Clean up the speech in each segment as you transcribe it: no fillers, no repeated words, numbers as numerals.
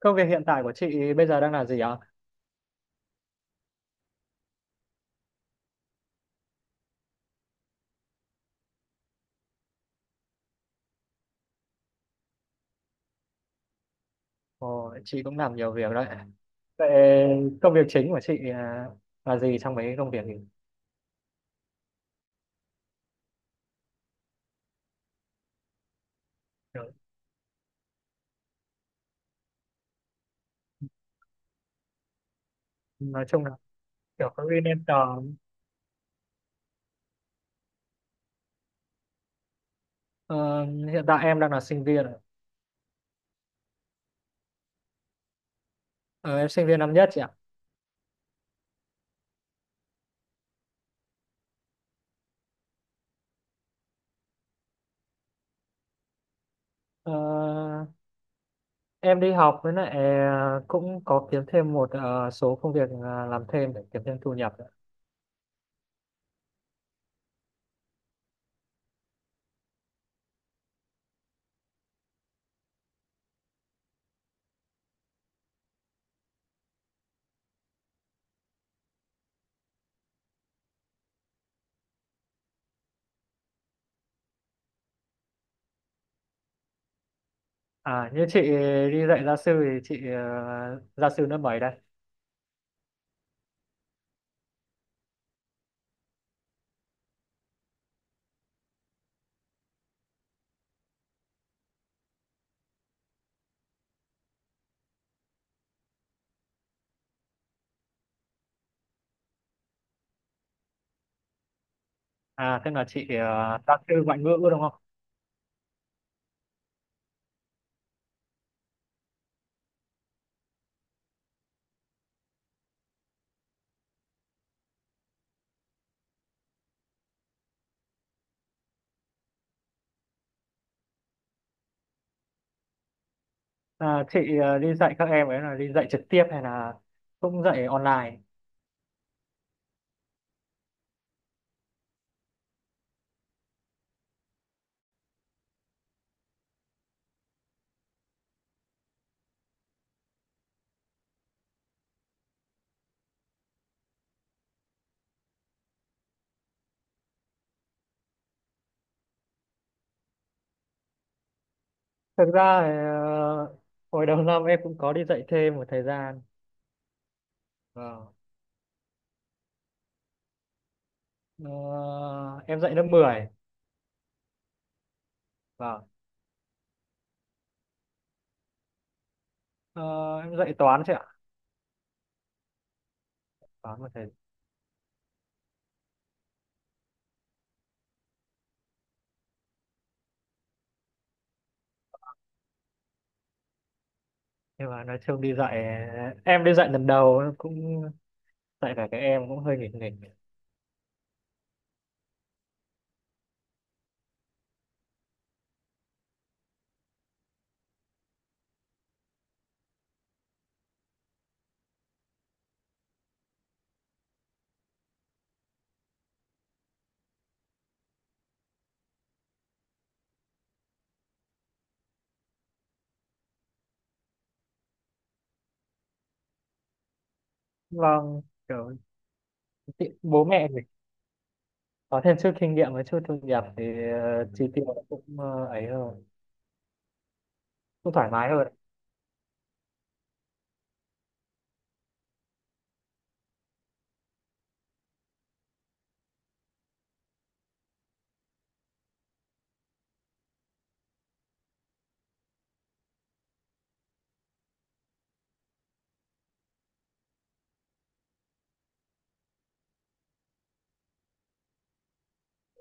Công việc hiện tại của chị bây giờ đang là gì ạ? Ồ, chị cũng làm nhiều việc đấy. Vậy công việc chính của chị là gì trong mấy công việc thì Kiểu, nói chung là kiểu freelancer. Ờ, Hiện tại em đang là sinh viên ạ. Ờ, em sinh viên năm nhất chị ạ. Ờ, em đi học với lại cũng có kiếm thêm một số công việc làm thêm để kiếm thêm thu nhập ạ. À, như chị đi dạy gia sư thì chị gia sư lớp mấy đây? À, tức là chị gia sư ngoại ngữ đúng không? À, chị đi dạy các em ấy là đi dạy trực tiếp hay là cũng dạy online? Thực ra thì, hồi đầu năm em cũng có đi dạy thêm một thời gian. Vâng. Ờ, em dạy lớp mười. Vâng. Ờ, em dạy toán chị ạ. Toán một thời. Nhưng mà nói chung đi dạy, em đi dạy lần đầu cũng dạy cả các em cũng hơi nghịch nghịch. Vâng, kiểu bố mẹ thì có thêm chút kinh nghiệm và chút thu nhập thì chi tiêu cũng ấy hơn, cũng thoải mái hơn.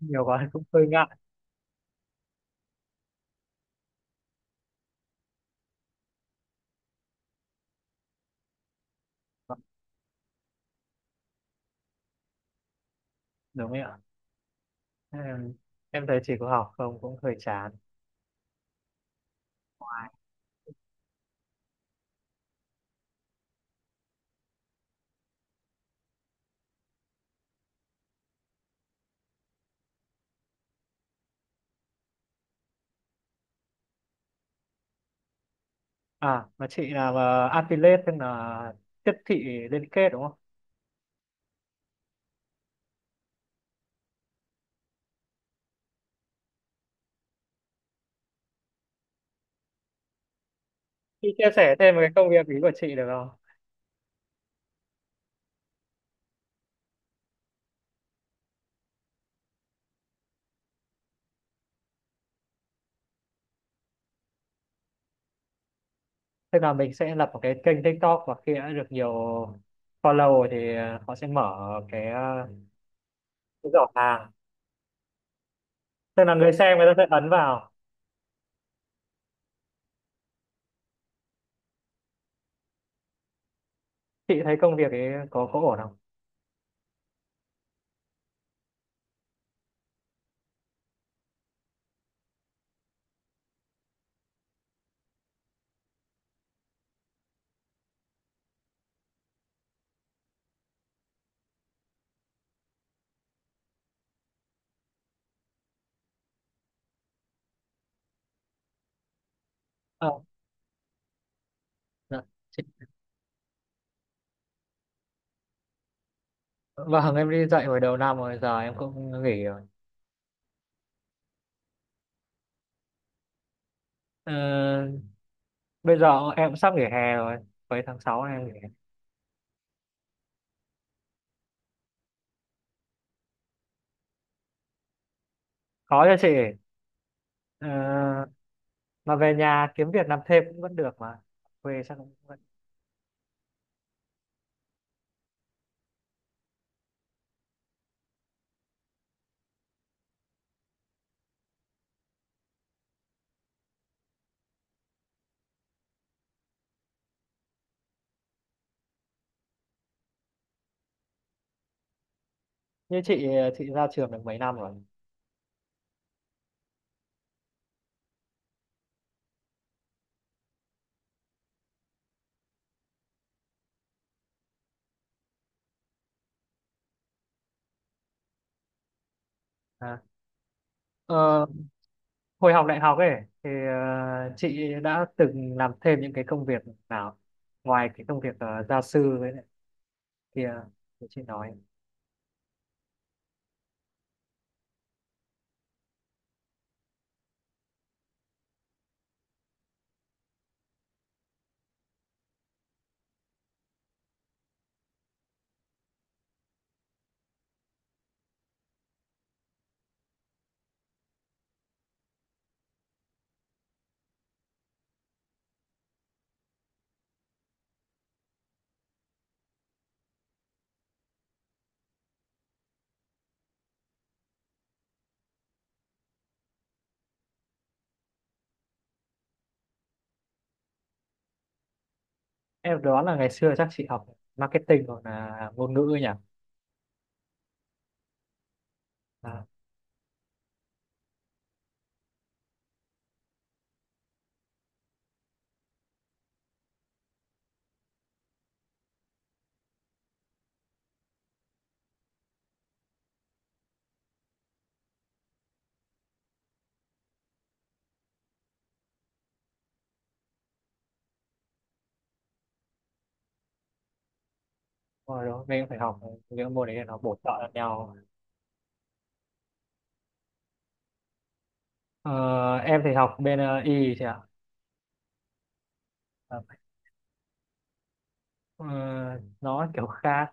Nhiều quá cũng hơi ngại. Vâng, đúng rồi ạ. Ừ. Em thấy chị có học không cũng hơi chán. À, mà chị làm affiliate tức là tiếp thị liên kết đúng không? Chị chia sẻ thêm về cái công việc ý của chị được không? Tức là mình sẽ lập một cái kênh TikTok và khi đã được nhiều follow rồi thì họ sẽ mở cái, ờ, cái giỏ hàng. Tức là người xem người ta sẽ ấn vào. Chị thấy công việc ấy có ổn không? Ờ, dạ. Chị- Vâng, em đi dạy hồi đầu năm rồi, giờ em cũng nghỉ rồi. Ờ, Bây giờ em cũng sắp nghỉ hè rồi, cuối tháng 6 em nghỉ. Có cho chị. Ờ, mà về nhà kiếm việc làm thêm cũng vẫn được mà, quê chắc cũng vẫn. Như chị ra trường được mấy năm rồi? À. Ờ, hồi học đại học ấy thì chị đã từng làm thêm những cái công việc nào ngoài cái công việc gia sư với lại kia thì chị nói, em đoán là ngày xưa chắc chị học marketing hoặc là ngôn ngữ ấy nhỉ. À, hồi đó mình cũng phải học những môn đấy để nó bổ trợ lẫn nhau. Ờ, em thì học bên y chị ạ. Ờ, ờ, nó kiểu khác,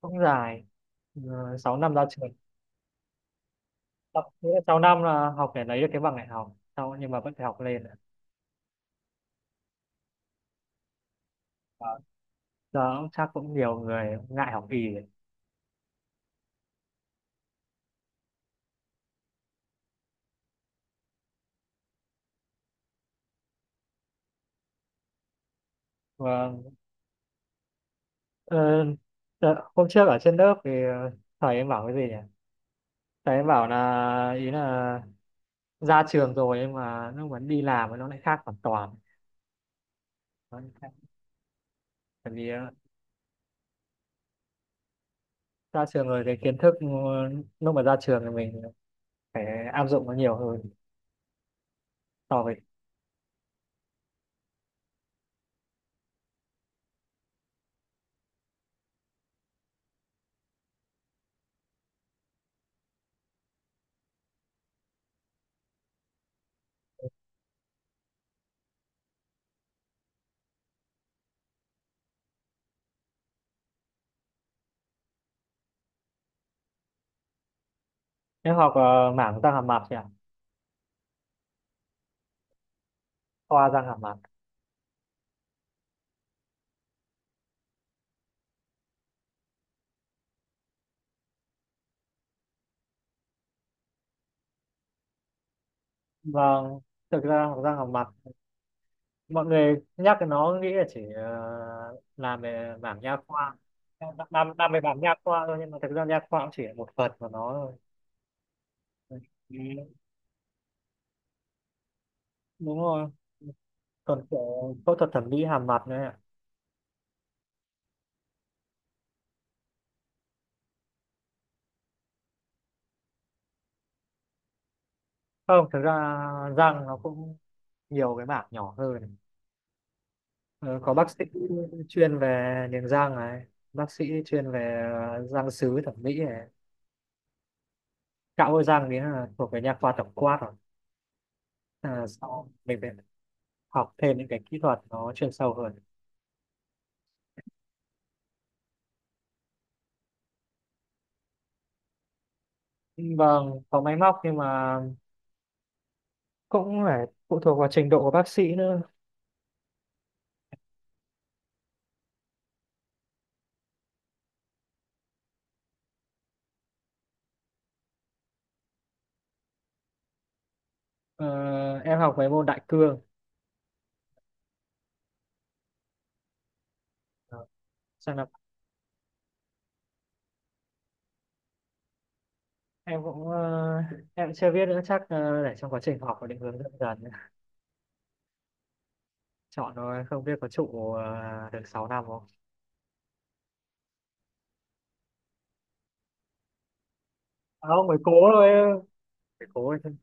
cũng dài, uh, 6 năm ra trường. Nghĩa là 6 năm là học để lấy được cái bằng đại học sau nhưng mà vẫn phải học lên. Vâng. Giờ chắc cũng nhiều người ngại học y đấy. Vâng. Ờ, Hôm trước ở trên lớp thì thầy em bảo cái gì nhỉ, thầy em bảo là ý là ra trường rồi nhưng mà nó vẫn đi làm nó lại khác hoàn toàn. Nó lại khác. Bởi vì ra trường rồi cái kiến thức lúc mà ra trường thì mình phải áp dụng nó nhiều hơn so với. Em học mảng răng hàm mặt nhỉ, khoa răng hàm mặt. Vâng. Thực ra học răng học mặt, mọi người nhắc đến nó nghĩ là chỉ làm về mảng nha khoa, làm về mảng nha khoa thôi nhưng mà thực ra nha khoa cũng chỉ là một phần của nó thôi. Ừ, đúng rồi. Còn kiểu phẫu thuật thẩm mỹ hàm mặt nữa ạ. Không, thực ra răng nó cũng nhiều cái mảng nhỏ hơn. Ờ, có bác sĩ chuyên về niềng răng này, bác sĩ chuyên về răng sứ thẩm mỹ này, cạo hôi răng đấy là thuộc về nha khoa tổng quát rồi. À, sau mình phải học thêm những cái kỹ thuật nó chuyên sâu hơn. Vâng, có máy móc nhưng mà cũng phải phụ thuộc vào trình độ của bác sĩ nữa. Ờ, em học mấy môn đại cương. Ờ. Xong là em cũng ờ, em chưa biết nữa, chắc để trong quá trình học và định hướng dần dần chọn, rồi không biết có trụ được 6 năm không. À, không, mới cố thôi em. Mới cố thôi.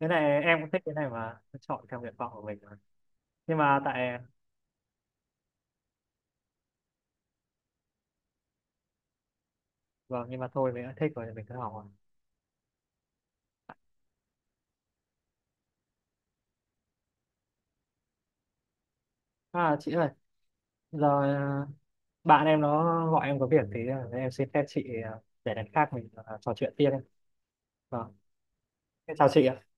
Cái này em cũng thích, cái này mà chọn theo nguyện vọng của mình mà. Nhưng mà tại. Vâng, nhưng mà thôi mình đã thích rồi thì mình cứ học rồi. À chị ơi, giờ bạn em nó gọi em có việc thì em xin phép chị để lần khác mình trò chuyện tiếp em. Vâng. Thế chào chị ạ.